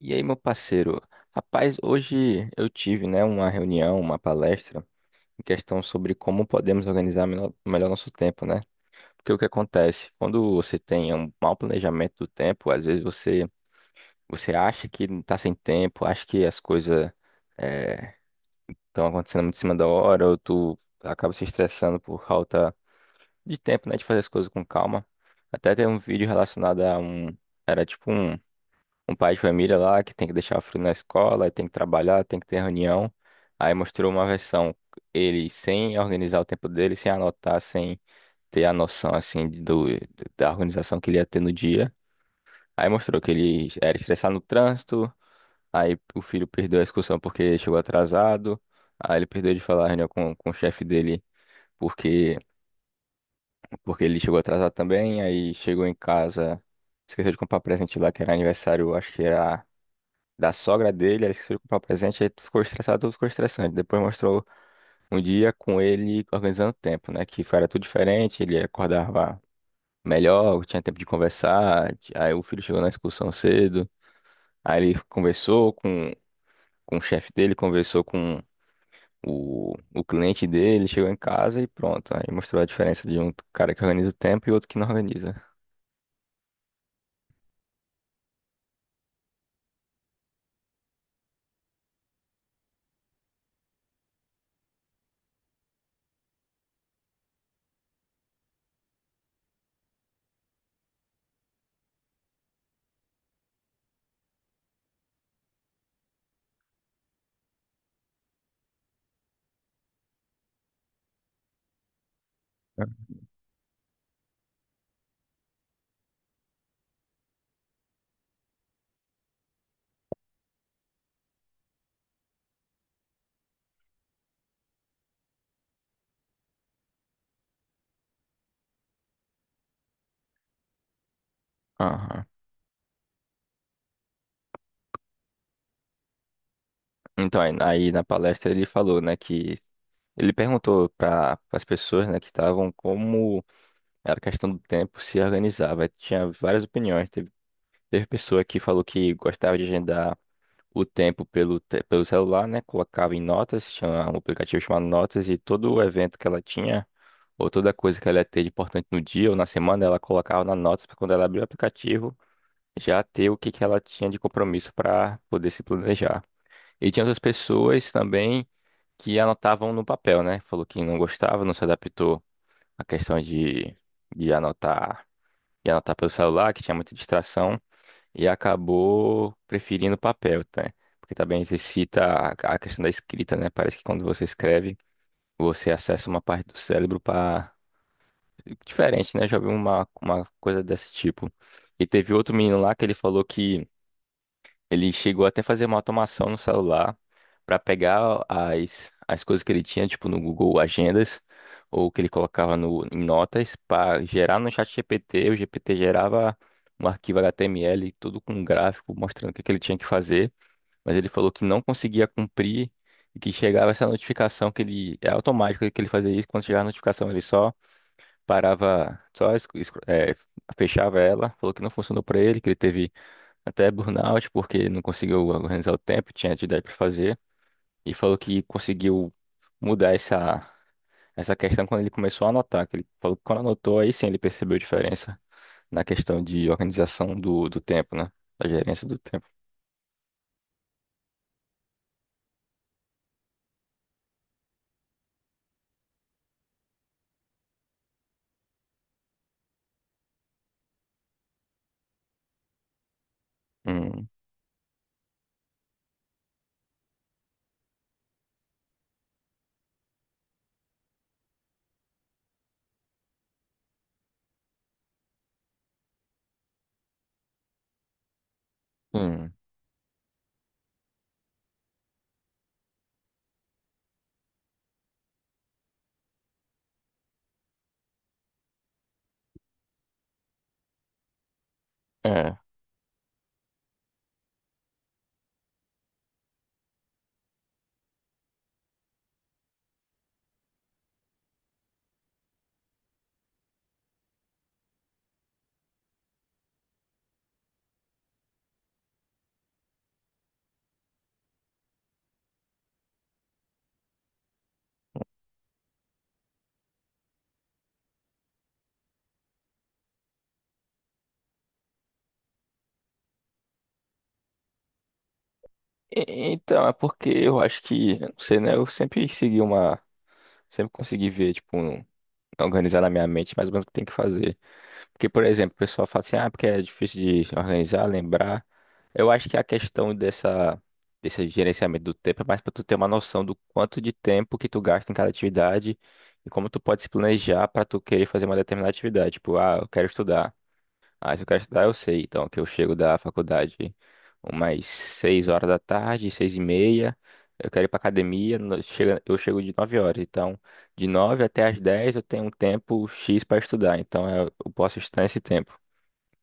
E aí, meu parceiro? Rapaz, hoje eu tive, né, uma reunião, uma palestra, em questão sobre como podemos organizar melhor nosso tempo, né? Porque o que acontece? Quando você tem um mau planejamento do tempo, às vezes você acha que não tá sem tempo, acha que as coisas estão acontecendo muito em cima da hora, ou tu acaba se estressando por falta de tempo, né, de fazer as coisas com calma. Até tem um vídeo relacionado a um. Era tipo um pai de família lá que tem que deixar o filho na escola, aí tem que trabalhar, tem que ter reunião. Aí mostrou uma versão, ele sem organizar o tempo dele, sem anotar, sem ter a noção assim da organização que ele ia ter no dia. Aí mostrou que ele era estressado no trânsito, aí o filho perdeu a excursão porque chegou atrasado, aí ele perdeu de falar a reunião com o chefe dele porque, porque ele chegou atrasado também, aí chegou em casa, esqueceu de comprar presente lá que era aniversário, acho que era da sogra dele. Ela esqueceu de comprar o presente, aí ficou estressado, tudo ficou estressante. Depois mostrou um dia com ele organizando o tempo, né? Que era tudo diferente, ele acordava melhor, tinha tempo de conversar. Aí o filho chegou na excursão cedo, aí ele conversou com o chefe dele, conversou com o cliente dele, chegou em casa e pronto. Aí mostrou a diferença de um cara que organiza o tempo e outro que não organiza. Aham. Então, aí na palestra ele falou, né, que ele perguntou para as pessoas, né, que estavam como era questão do tempo se organizar, vai. Tinha várias opiniões. Teve pessoa que falou que gostava de agendar o tempo pelo celular, né? Colocava em notas, tinha um aplicativo chamado Notas, e todo o evento que ela tinha, ou toda coisa que ela ia ter de importante no dia ou na semana, ela colocava na Notas para quando ela abria o aplicativo, já ter o que, que ela tinha de compromisso para poder se planejar. E tinha outras pessoas também que anotavam no papel, né? Falou que não gostava, não se adaptou à questão de anotar e anotar pelo celular, que tinha muita distração, e acabou preferindo o papel, tá? Porque também exercita a questão da escrita, né? Parece que quando você escreve, você acessa uma parte do cérebro para diferente, né? Já vi uma coisa desse tipo. E teve outro menino lá que ele falou que ele chegou até a fazer uma automação no celular para pegar as coisas que ele tinha, tipo no Google Agendas, ou que ele colocava no, em notas, para gerar no chat GPT. O GPT gerava um arquivo HTML, tudo com um gráfico, mostrando o que, que ele tinha que fazer, mas ele falou que não conseguia cumprir e que chegava essa notificação que ele. É automático que ele fazia isso, quando chegava a notificação ele só parava, só fechava ela. Falou que não funcionou para ele, que ele teve até burnout, porque não conseguiu organizar o tempo, tinha atividade para fazer, e falou que conseguiu mudar essa questão quando ele começou a anotar, que ele falou que quando anotou, aí sim ele percebeu a diferença na questão de organização do tempo, né? Da gerência do tempo. Hum, hum, é. Então, é porque eu acho que, eu não sei, né? Eu sempre segui uma, sempre consegui ver, tipo, um organizar na minha mente mais ou menos o que tem que fazer. Porque, por exemplo, o pessoal fala assim, ah, porque é difícil de organizar, lembrar. Eu acho que a questão desse gerenciamento do tempo é mais para tu ter uma noção do quanto de tempo que tu gasta em cada atividade e como tu pode se planejar para tu querer fazer uma determinada atividade. Tipo, ah, eu quero estudar. Ah, se eu quero estudar, eu sei. Então, que eu chego da faculdade umas 6 horas da tarde, 6 e meia. Eu quero ir pra academia, eu chego de 9 horas. Então, de 9 até as 10 eu tenho um tempo X para estudar. Então, eu posso estudar esse tempo.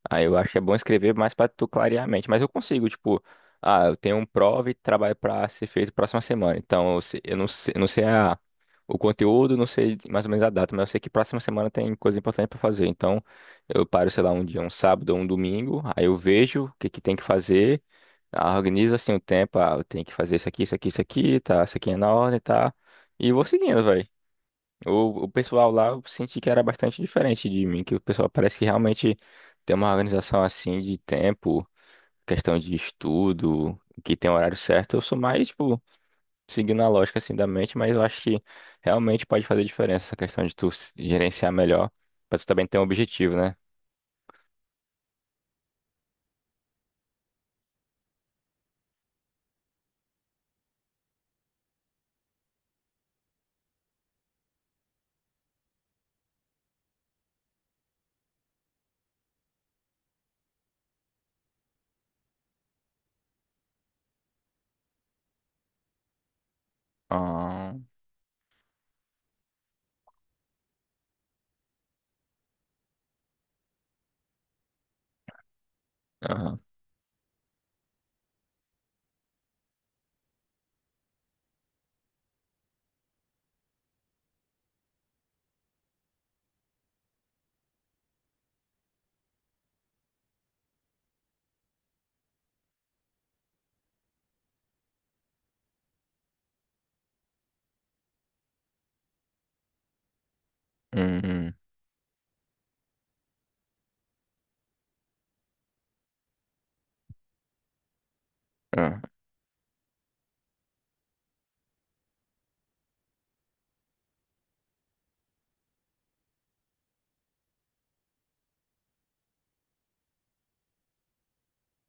Aí eu acho que é bom escrever mais pra tu clarear a mente. Mas eu consigo, tipo, ah, eu tenho um prova e trabalho pra ser feito próxima semana. Então, eu não sei a, o conteúdo, não sei mais ou menos a data, mas eu sei que próxima semana tem coisa importante pra fazer. Então, eu paro, sei lá, um dia, um sábado ou um domingo, aí eu vejo o que que tem que fazer, ah, organizo assim o tempo, ah, eu tenho que fazer isso aqui, isso aqui, isso aqui, tá? Isso aqui é na ordem, tá? E vou seguindo, velho. O pessoal lá eu senti que era bastante diferente de mim, que o pessoal parece que realmente tem uma organização assim de tempo, questão de estudo, que tem horário certo. Eu sou mais, tipo, seguindo a lógica assim da mente, mas eu acho que realmente pode fazer diferença essa questão de tu gerenciar melhor, pra tu também ter um objetivo, né? Ah, ah, hum, ah.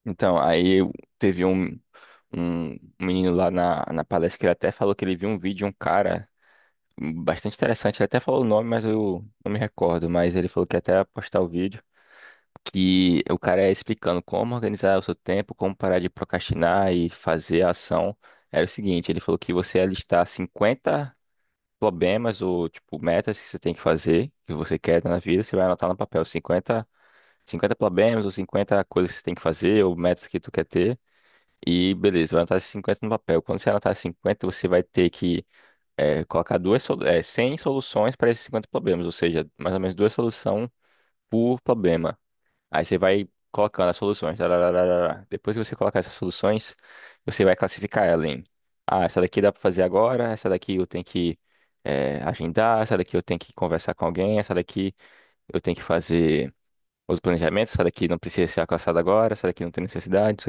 Então, aí teve um menino lá na palestra que ele até falou que ele viu um vídeo de um cara bastante interessante. Ele até falou o nome, mas eu não me recordo. Mas ele falou que ia até postar o vídeo. Que o cara é explicando como organizar o seu tempo, como parar de procrastinar e fazer a ação. Era o seguinte, ele falou que você ia listar 50 problemas ou, tipo, metas que você tem que fazer, que você quer na vida, você vai anotar no papel 50 problemas ou 50 coisas que você tem que fazer ou metas que tu quer ter. E beleza, vai anotar esses 50 no papel. Quando você anotar 50, você vai ter que colocar duas, 100 soluções para esses 50 problemas, ou seja, mais ou menos duas soluções por problema. Aí você vai colocando as soluções. Tararararara. Depois que você colocar essas soluções, você vai classificar ela em, ah, essa daqui dá para fazer agora, essa daqui eu tenho que agendar, essa daqui eu tenho que conversar com alguém, essa daqui eu tenho que fazer os planejamentos, essa daqui não precisa ser alcançada agora, essa daqui não tem necessidade,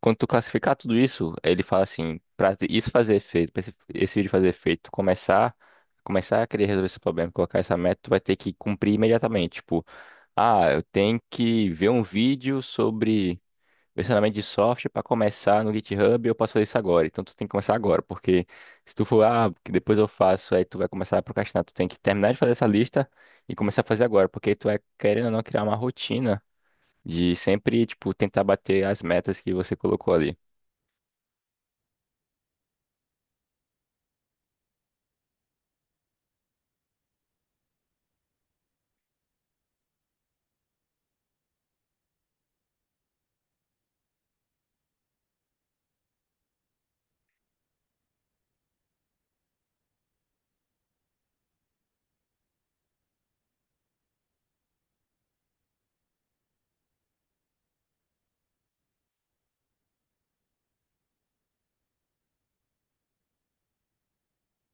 quando tu classificar tudo isso, ele fala assim, para isso fazer efeito, para esse vídeo fazer efeito, tu começar, a querer resolver esse problema, colocar essa meta, tu vai ter que cumprir imediatamente. Tipo, ah, eu tenho que ver um vídeo sobre versionamento de software para começar no GitHub, eu posso fazer isso agora. Então tu tem que começar agora, porque se tu for, ah, que depois eu faço, aí tu vai começar a procrastinar, tu tem que terminar de fazer essa lista e começar a fazer agora, porque tu é querendo ou não criar uma rotina de sempre, tipo, tentar bater as metas que você colocou ali.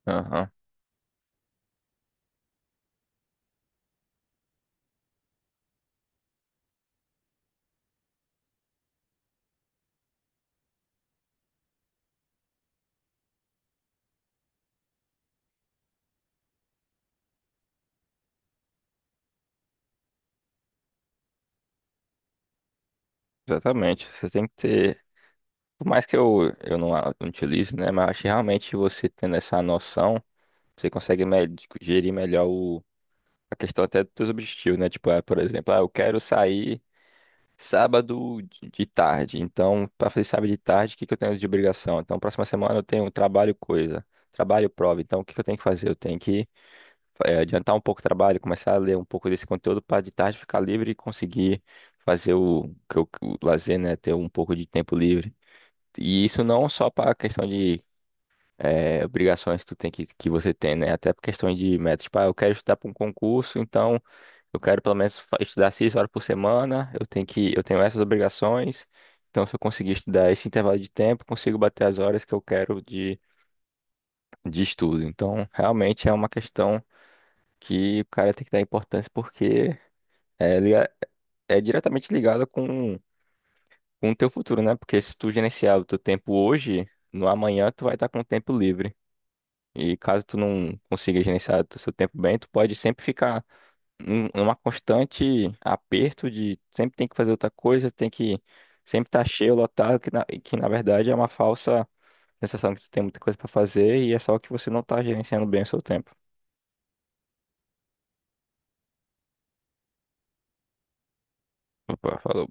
Aham, exatamente. Você tem que ter. Por mais que eu não, não utilize, né? Mas acho que realmente você tendo essa noção, você consegue gerir melhor a questão até dos seus objetivos, né? Tipo, ah, por exemplo, ah, eu quero sair sábado de tarde. Então, para fazer sábado de tarde, o que que eu tenho de obrigação? Então, próxima semana eu tenho trabalho coisa, trabalho prova. Então, o que que eu tenho que fazer? Eu tenho que adiantar um pouco o trabalho, começar a ler um pouco desse conteúdo para de tarde ficar livre e conseguir fazer o lazer, né? Ter um pouco de tempo livre. E isso não só para a questão de obrigações que você tem, né? Até por questões de metas. Tipo, ah, eu quero estudar para um concurso, então eu quero pelo menos estudar 6 horas por semana. Eu tenho essas obrigações. Então, se eu conseguir estudar esse intervalo de tempo, consigo bater as horas que eu quero de estudo. Então, realmente é uma questão que o cara tem que dar importância porque é, liga- é diretamente ligado com o teu futuro, né? Porque se tu gerenciar o teu tempo hoje, no amanhã tu vai estar com o tempo livre. E caso tu não consiga gerenciar o seu tempo bem, tu pode sempre ficar numa constante aperto de sempre tem que fazer outra coisa, tem que sempre estar cheio, lotado, que na verdade é uma falsa sensação que tu tem muita coisa pra fazer e é só que você não tá gerenciando bem o seu tempo. Opa, falou.